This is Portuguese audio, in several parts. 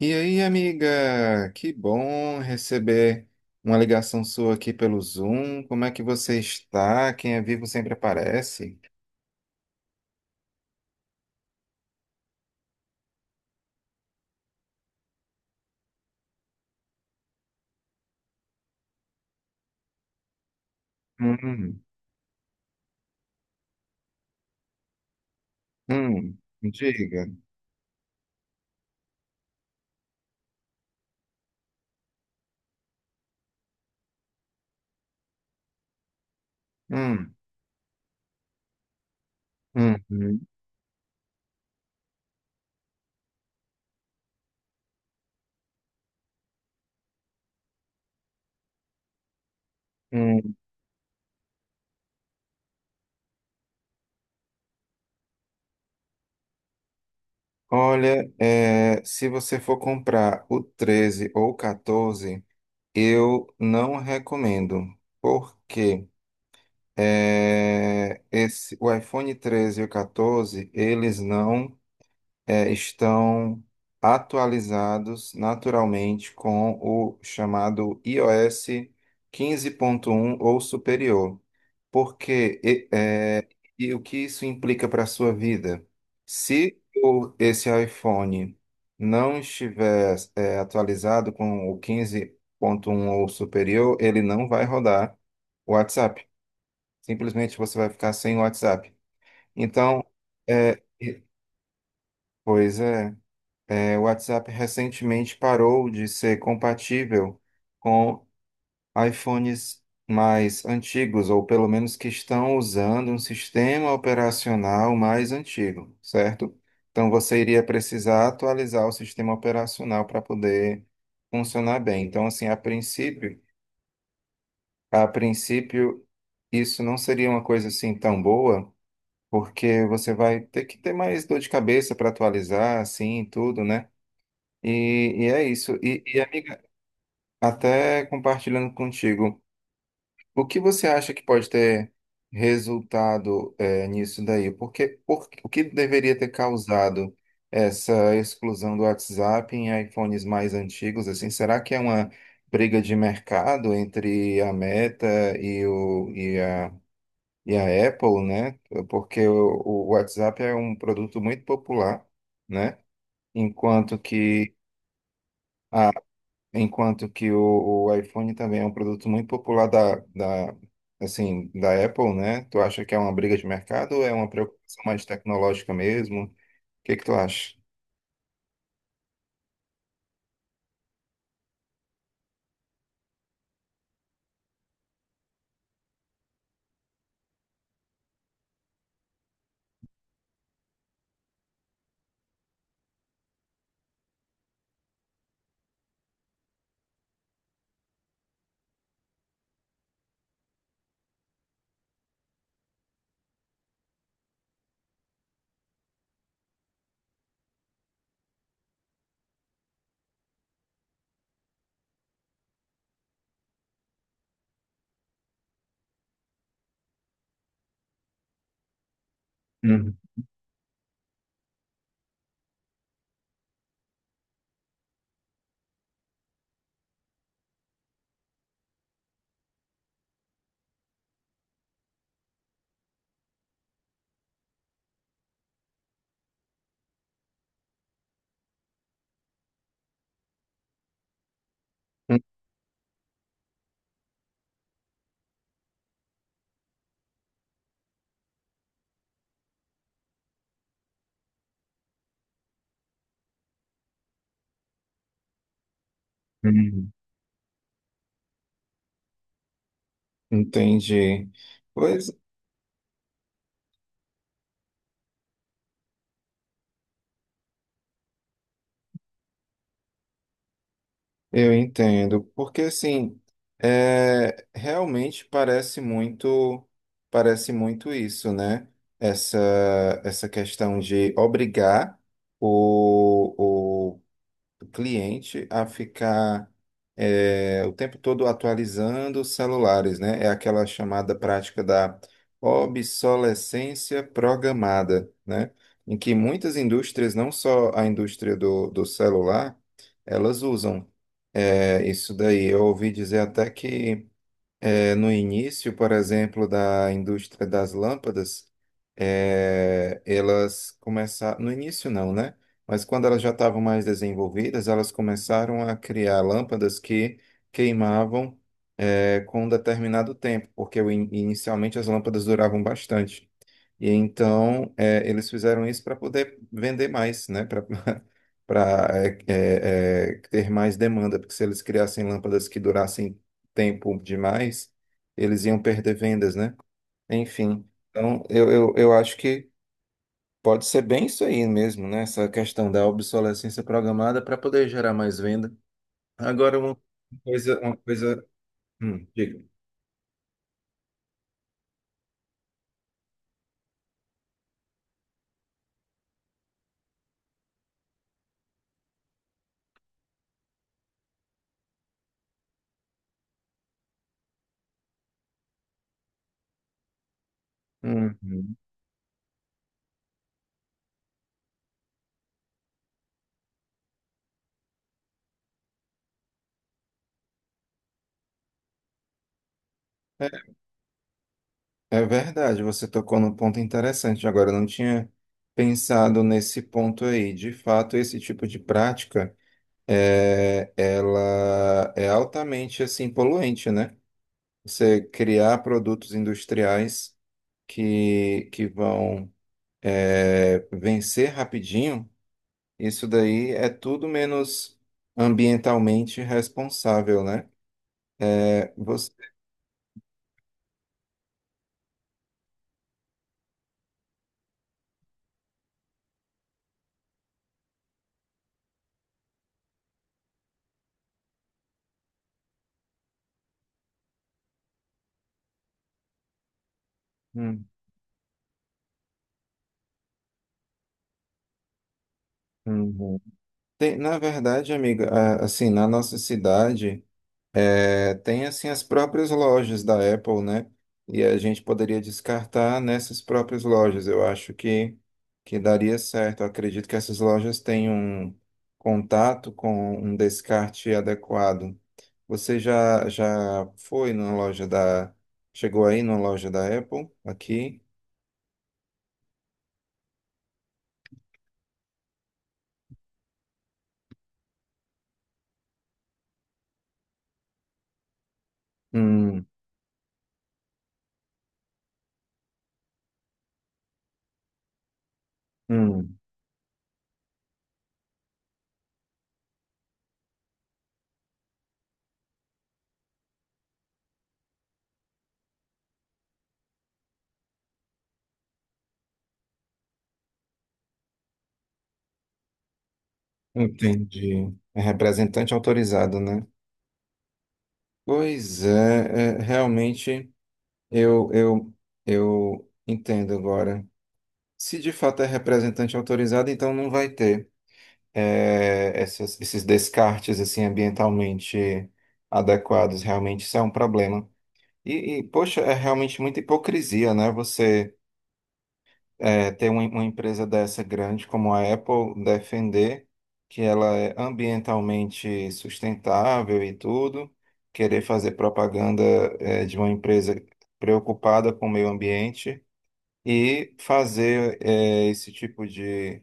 E aí, amiga? Que bom receber uma ligação sua aqui pelo Zoom. Como é que você está? Quem é vivo sempre aparece. Hum, hum, diga. Hum, hum, hum, hum. Olha, é, se você for comprar o 13 ou o 14, eu não recomendo, porque o iPhone 13 e o 14 eles não, estão atualizados naturalmente com o chamado iOS 15.1 ou superior. Porque e, é, e o que isso implica para a sua vida? Se o, esse iPhone não estiver, atualizado com o 15.1 ou superior, ele não vai rodar o WhatsApp. Simplesmente você vai ficar sem o WhatsApp. Então, é, e- pois é. É, o WhatsApp recentemente parou de ser compatível com iPhones mais antigos, ou pelo menos que estão usando um sistema operacional mais antigo, certo? Então você iria precisar atualizar o sistema operacional para poder funcionar bem. Então, assim, a princípio, isso não seria uma coisa assim tão boa, porque você vai ter que ter mais dor de cabeça para atualizar, assim, e tudo, né? E é isso. E, amiga, até compartilhando contigo, o que você acha que pode ter resultado nisso daí? Porque, o que deveria ter causado essa exclusão do WhatsApp em iPhones mais antigos? Assim, será que é uma briga de mercado entre a Meta e, o, e, a, e a Apple, né? Porque o WhatsApp é um produto muito popular, né? Enquanto que a Enquanto que o iPhone também é um produto muito popular assim, da Apple, né? Tu acha que é uma briga de mercado ou é uma preocupação mais tecnológica mesmo? O que que tu acha? Uhum. Uhum. Entendi. Pois eu entendo, porque assim, é, realmente parece muito isso, né? Essa, essa questão de obrigar o cliente a ficar o tempo todo atualizando os celulares, né? É aquela chamada prática da obsolescência programada, né? Em que muitas indústrias, não só a indústria do celular, elas usam. É, isso daí, eu ouvi dizer até que no início, por exemplo, da indústria das lâmpadas, elas começaram. No início, não, né? Mas quando elas já estavam mais desenvolvidas, elas começaram a criar lâmpadas que queimavam, com um determinado tempo, porque inicialmente as lâmpadas duravam bastante. E então, eles fizeram isso para poder vender mais, né? Para ter mais demanda, porque se eles criassem lâmpadas que durassem tempo demais, eles iam perder vendas, né? Enfim, então eu acho que pode ser bem isso aí mesmo, né? Essa questão da obsolescência programada para poder gerar mais venda. Agora, uma coisa, uma coisa. Diga. Uhum. É verdade, você tocou num ponto interessante. Agora, eu não tinha pensado nesse ponto aí. De fato, esse tipo de prática. Ela é altamente assim poluente, né? Você criar produtos industriais que vão vencer rapidinho, isso daí é tudo menos ambientalmente responsável, né? É, você... Hum, hum. Tem, na verdade, amiga, assim, na nossa cidade tem assim as próprias lojas da Apple, né? E a gente poderia descartar nessas próprias lojas. Eu acho que daria certo. Eu acredito que essas lojas têm um contato com um descarte adequado. Você já foi numa loja da... Chegou aí numa loja da Apple, aqui? Hum, hum, entendi. É representante autorizado, né? Pois é, é realmente... Eu, eu, eu entendo agora. Se de fato é representante autorizado, então não vai ter esses descartes assim ambientalmente adequados. Realmente isso é um problema. E, poxa, é realmente muita hipocrisia, né? Você ter uma empresa dessa grande como a Apple defender que ela é ambientalmente sustentável e tudo, querer fazer propaganda de uma empresa preocupada com o meio ambiente e fazer esse tipo de,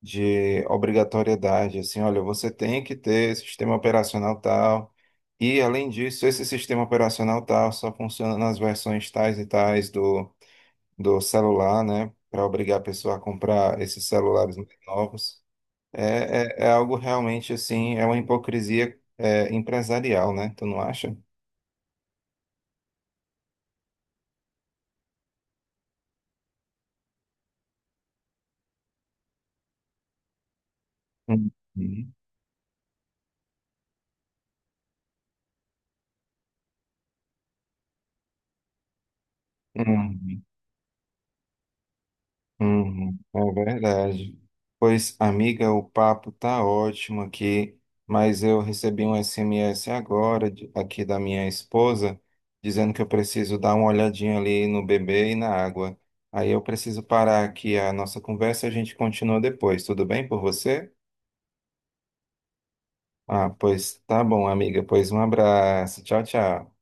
de obrigatoriedade, assim, olha, você tem que ter sistema operacional tal, e além disso, esse sistema operacional tal só funciona nas versões tais e tais do celular, né, para obrigar a pessoa a comprar esses celulares mais novos. Algo realmente, assim, é uma hipocrisia empresarial, né, tu não acha? Uhum. Uhum. Uhum, é verdade. Pois, amiga, o papo tá ótimo aqui, mas eu recebi um SMS agora aqui da minha esposa dizendo que eu preciso dar uma olhadinha ali no bebê e na água. Aí eu preciso parar aqui a nossa conversa, a gente continua depois. Tudo bem por você? Ah, pois tá bom, amiga. Pois um abraço. Tchau, tchau.